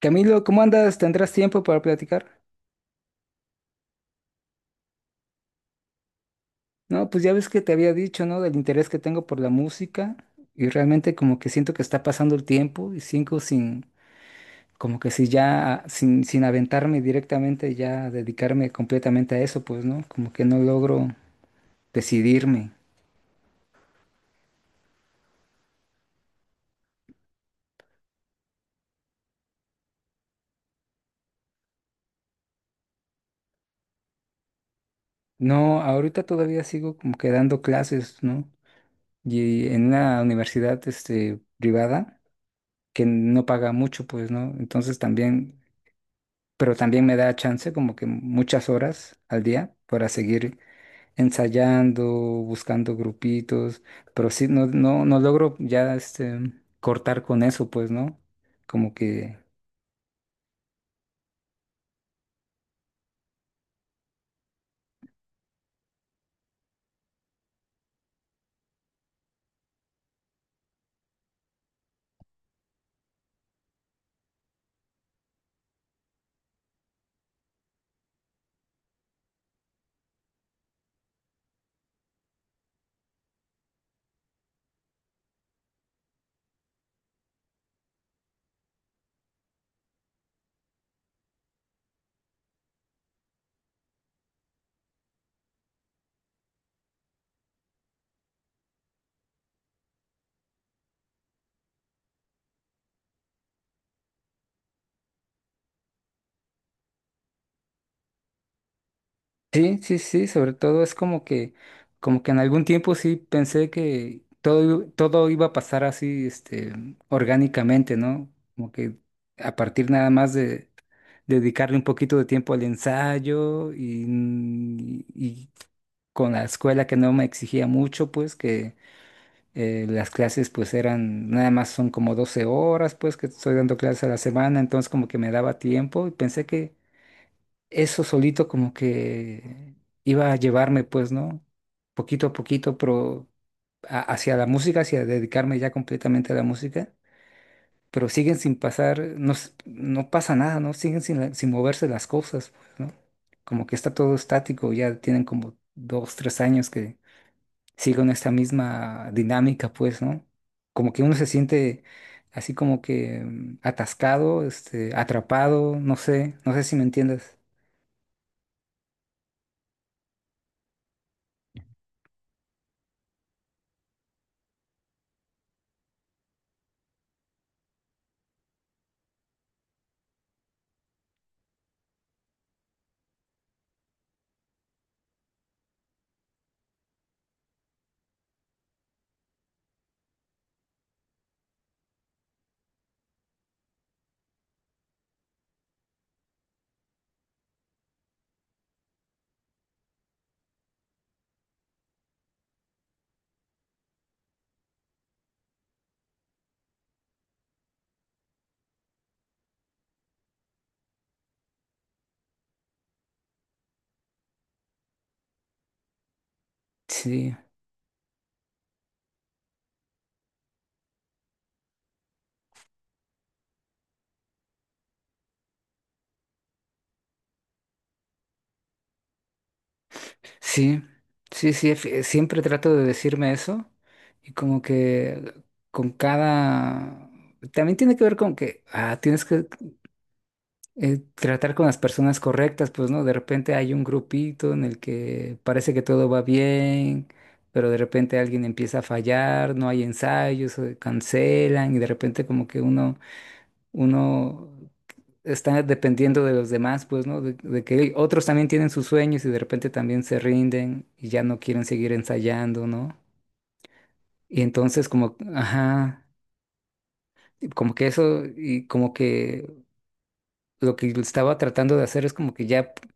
Camilo, ¿cómo andas? ¿Tendrás tiempo para platicar? No, pues ya ves que te había dicho, ¿no? Del interés que tengo por la música y realmente como que siento que está pasando el tiempo y cinco sin, como que si ya, sin aventarme directamente, ya dedicarme completamente a eso, pues, ¿no? Como que no logro decidirme. No, ahorita todavía sigo como que dando clases, ¿no? Y en una universidad, este, privada que no paga mucho, pues, ¿no? Entonces también pero también me da chance como que muchas horas al día para seguir ensayando, buscando grupitos, pero sí, no logro ya este, cortar con eso, pues, ¿no? Como que sí, sí, sobre todo es como que en algún tiempo sí pensé que todo iba a pasar así, este, orgánicamente, ¿no? Como que a partir nada más de dedicarle un poquito de tiempo al ensayo y con la escuela que no me exigía mucho, pues que las clases pues eran, nada más son como 12 horas, pues que estoy dando clases a la semana, entonces como que me daba tiempo y pensé que eso solito como que iba a llevarme, pues, ¿no? Poquito a poquito, pero hacia la música, hacia dedicarme ya completamente a la música, pero siguen sin pasar, no, no pasa nada, ¿no? Siguen sin, sin moverse las cosas, pues, ¿no? Como que está todo estático, ya tienen como dos, tres años que siguen esta misma dinámica, pues, ¿no? Como que uno se siente así como que atascado, este, atrapado, no sé, no sé si me entiendes. Sí. Sí, sí, siempre trato de decirme eso y como que con cada... También tiene que ver con que ah, tienes que tratar con las personas correctas, pues, ¿no? De repente hay un grupito en el que parece que todo va bien, pero de repente alguien empieza a fallar, no hay ensayos, cancelan y de repente como que uno está dependiendo de los demás, pues, ¿no? De que otros también tienen sus sueños y de repente también se rinden y ya no quieren seguir ensayando, ¿no? Y entonces como, ajá, y como que eso y como que lo que estaba tratando de hacer es como que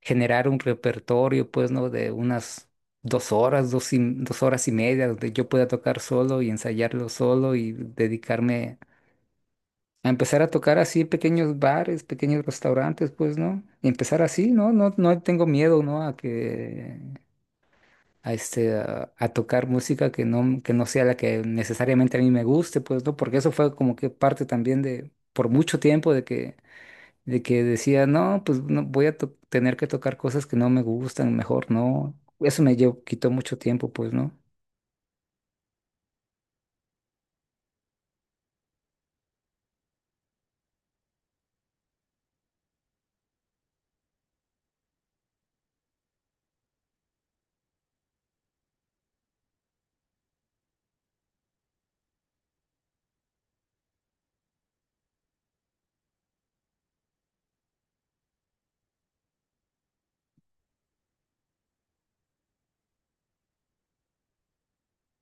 generar un repertorio, pues, ¿no? De unas 2 horas, 2 horas y media, donde yo pueda tocar solo y ensayarlo solo y dedicarme a empezar a tocar así pequeños bares, pequeños restaurantes, pues, ¿no? Y empezar así, ¿no? No, no tengo miedo, ¿no? A que, a este, a tocar música que no sea la que necesariamente a mí me guste, pues, ¿no? Porque eso fue como que parte también de, por mucho tiempo de que decía, no, pues, no, voy a tener que tocar cosas que no me gustan, mejor no. Eso me llevó, quitó mucho tiempo, pues, ¿no?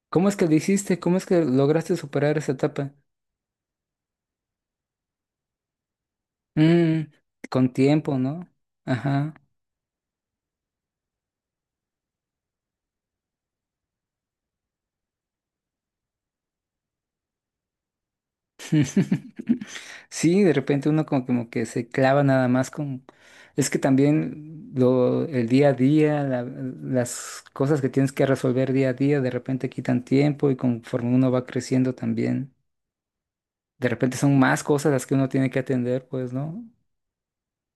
¿Cómo es que lo hiciste? ¿Cómo es que lograste superar esa etapa? Mm, con tiempo, ¿no? Ajá. Sí, de repente uno como, como que se clava nada más con... Es que el día a día, las cosas que tienes que resolver día a día, de repente quitan tiempo y conforme uno va creciendo también, de repente son más cosas las que uno tiene que atender, pues, ¿no?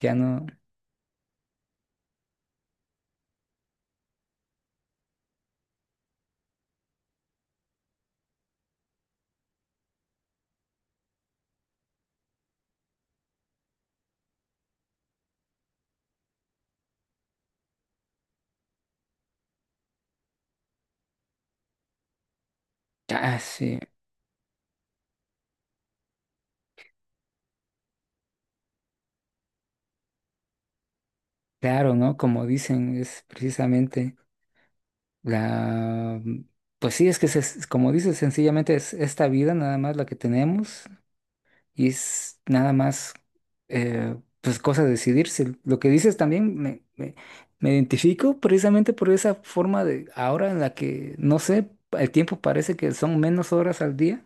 Ya no... Ah, sí, claro, ¿no? Como dicen, es precisamente la... Pues sí, es que, como dices, sencillamente es esta vida nada más la que tenemos y es nada más pues cosa de decidirse. Lo que dices también me identifico precisamente por esa forma de ahora en la que, no sé, el tiempo parece que son menos horas al día,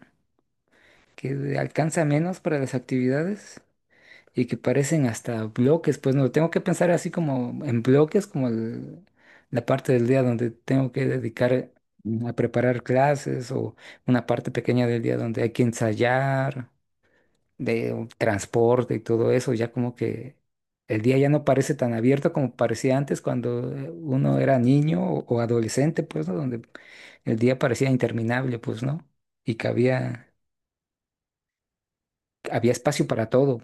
que alcanza menos para las actividades y que parecen hasta bloques, pues no, tengo que pensar así como en bloques, como la parte del día donde tengo que dedicar a preparar clases o una parte pequeña del día donde hay que ensayar de un transporte y todo eso, ya como que el día ya no parece tan abierto como parecía antes cuando uno era niño o adolescente, pues, ¿no? Donde el día parecía interminable, pues, ¿no? Y que había, había espacio para todo.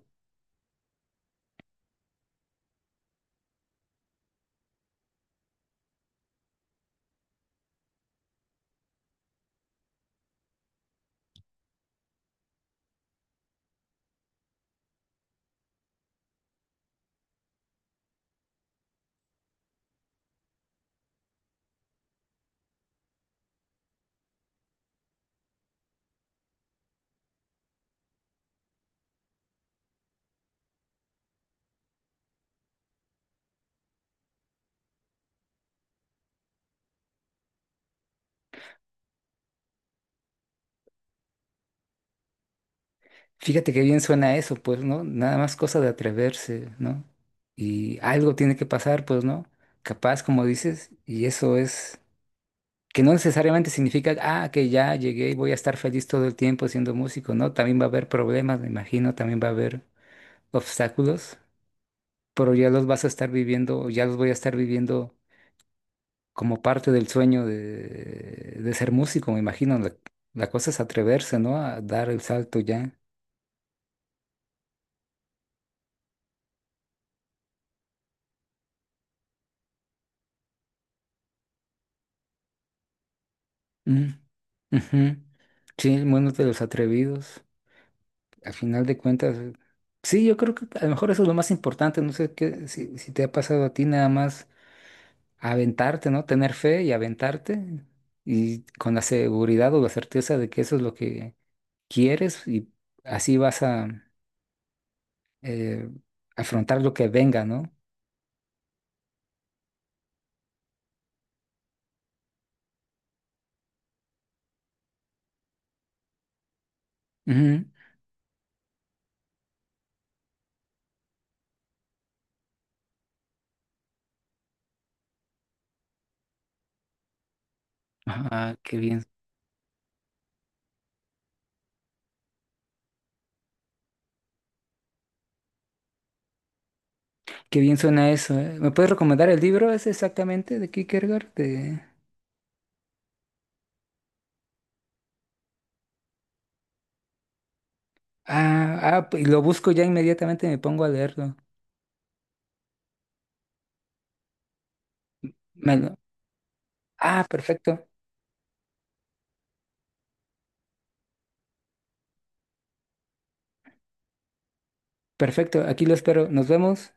Fíjate qué bien suena eso, pues, ¿no? Nada más cosa de atreverse, ¿no? Y algo tiene que pasar, pues, ¿no? Capaz, como dices, y eso es que no necesariamente significa, ah, que ya llegué y voy a estar feliz todo el tiempo siendo músico, ¿no? También va a haber problemas, me imagino, también va a haber obstáculos, pero ya los vas a estar viviendo, o ya los voy a estar viviendo como parte del sueño de ser músico, me imagino. La cosa es atreverse, ¿no? A dar el salto ya. Mm, ujú. Sí, el mundo de los atrevidos. Al final de cuentas, sí, yo creo que a lo mejor eso es lo más importante. No sé qué, si, si te ha pasado a ti nada más aventarte, ¿no? Tener fe y aventarte y con la seguridad o la certeza de que eso es lo que quieres y así vas a eh, afrontar lo que venga, ¿no? Ujú. Ah, qué bien suena eso, ¿eh? ¿Me puedes recomendar el libro ese exactamente de Kierkegaard? De... Ah, ah, pues lo busco ya inmediatamente y me pongo a leerlo. Me lo- Ah, perfecto, perfecto, aquí lo espero. Nos vemos.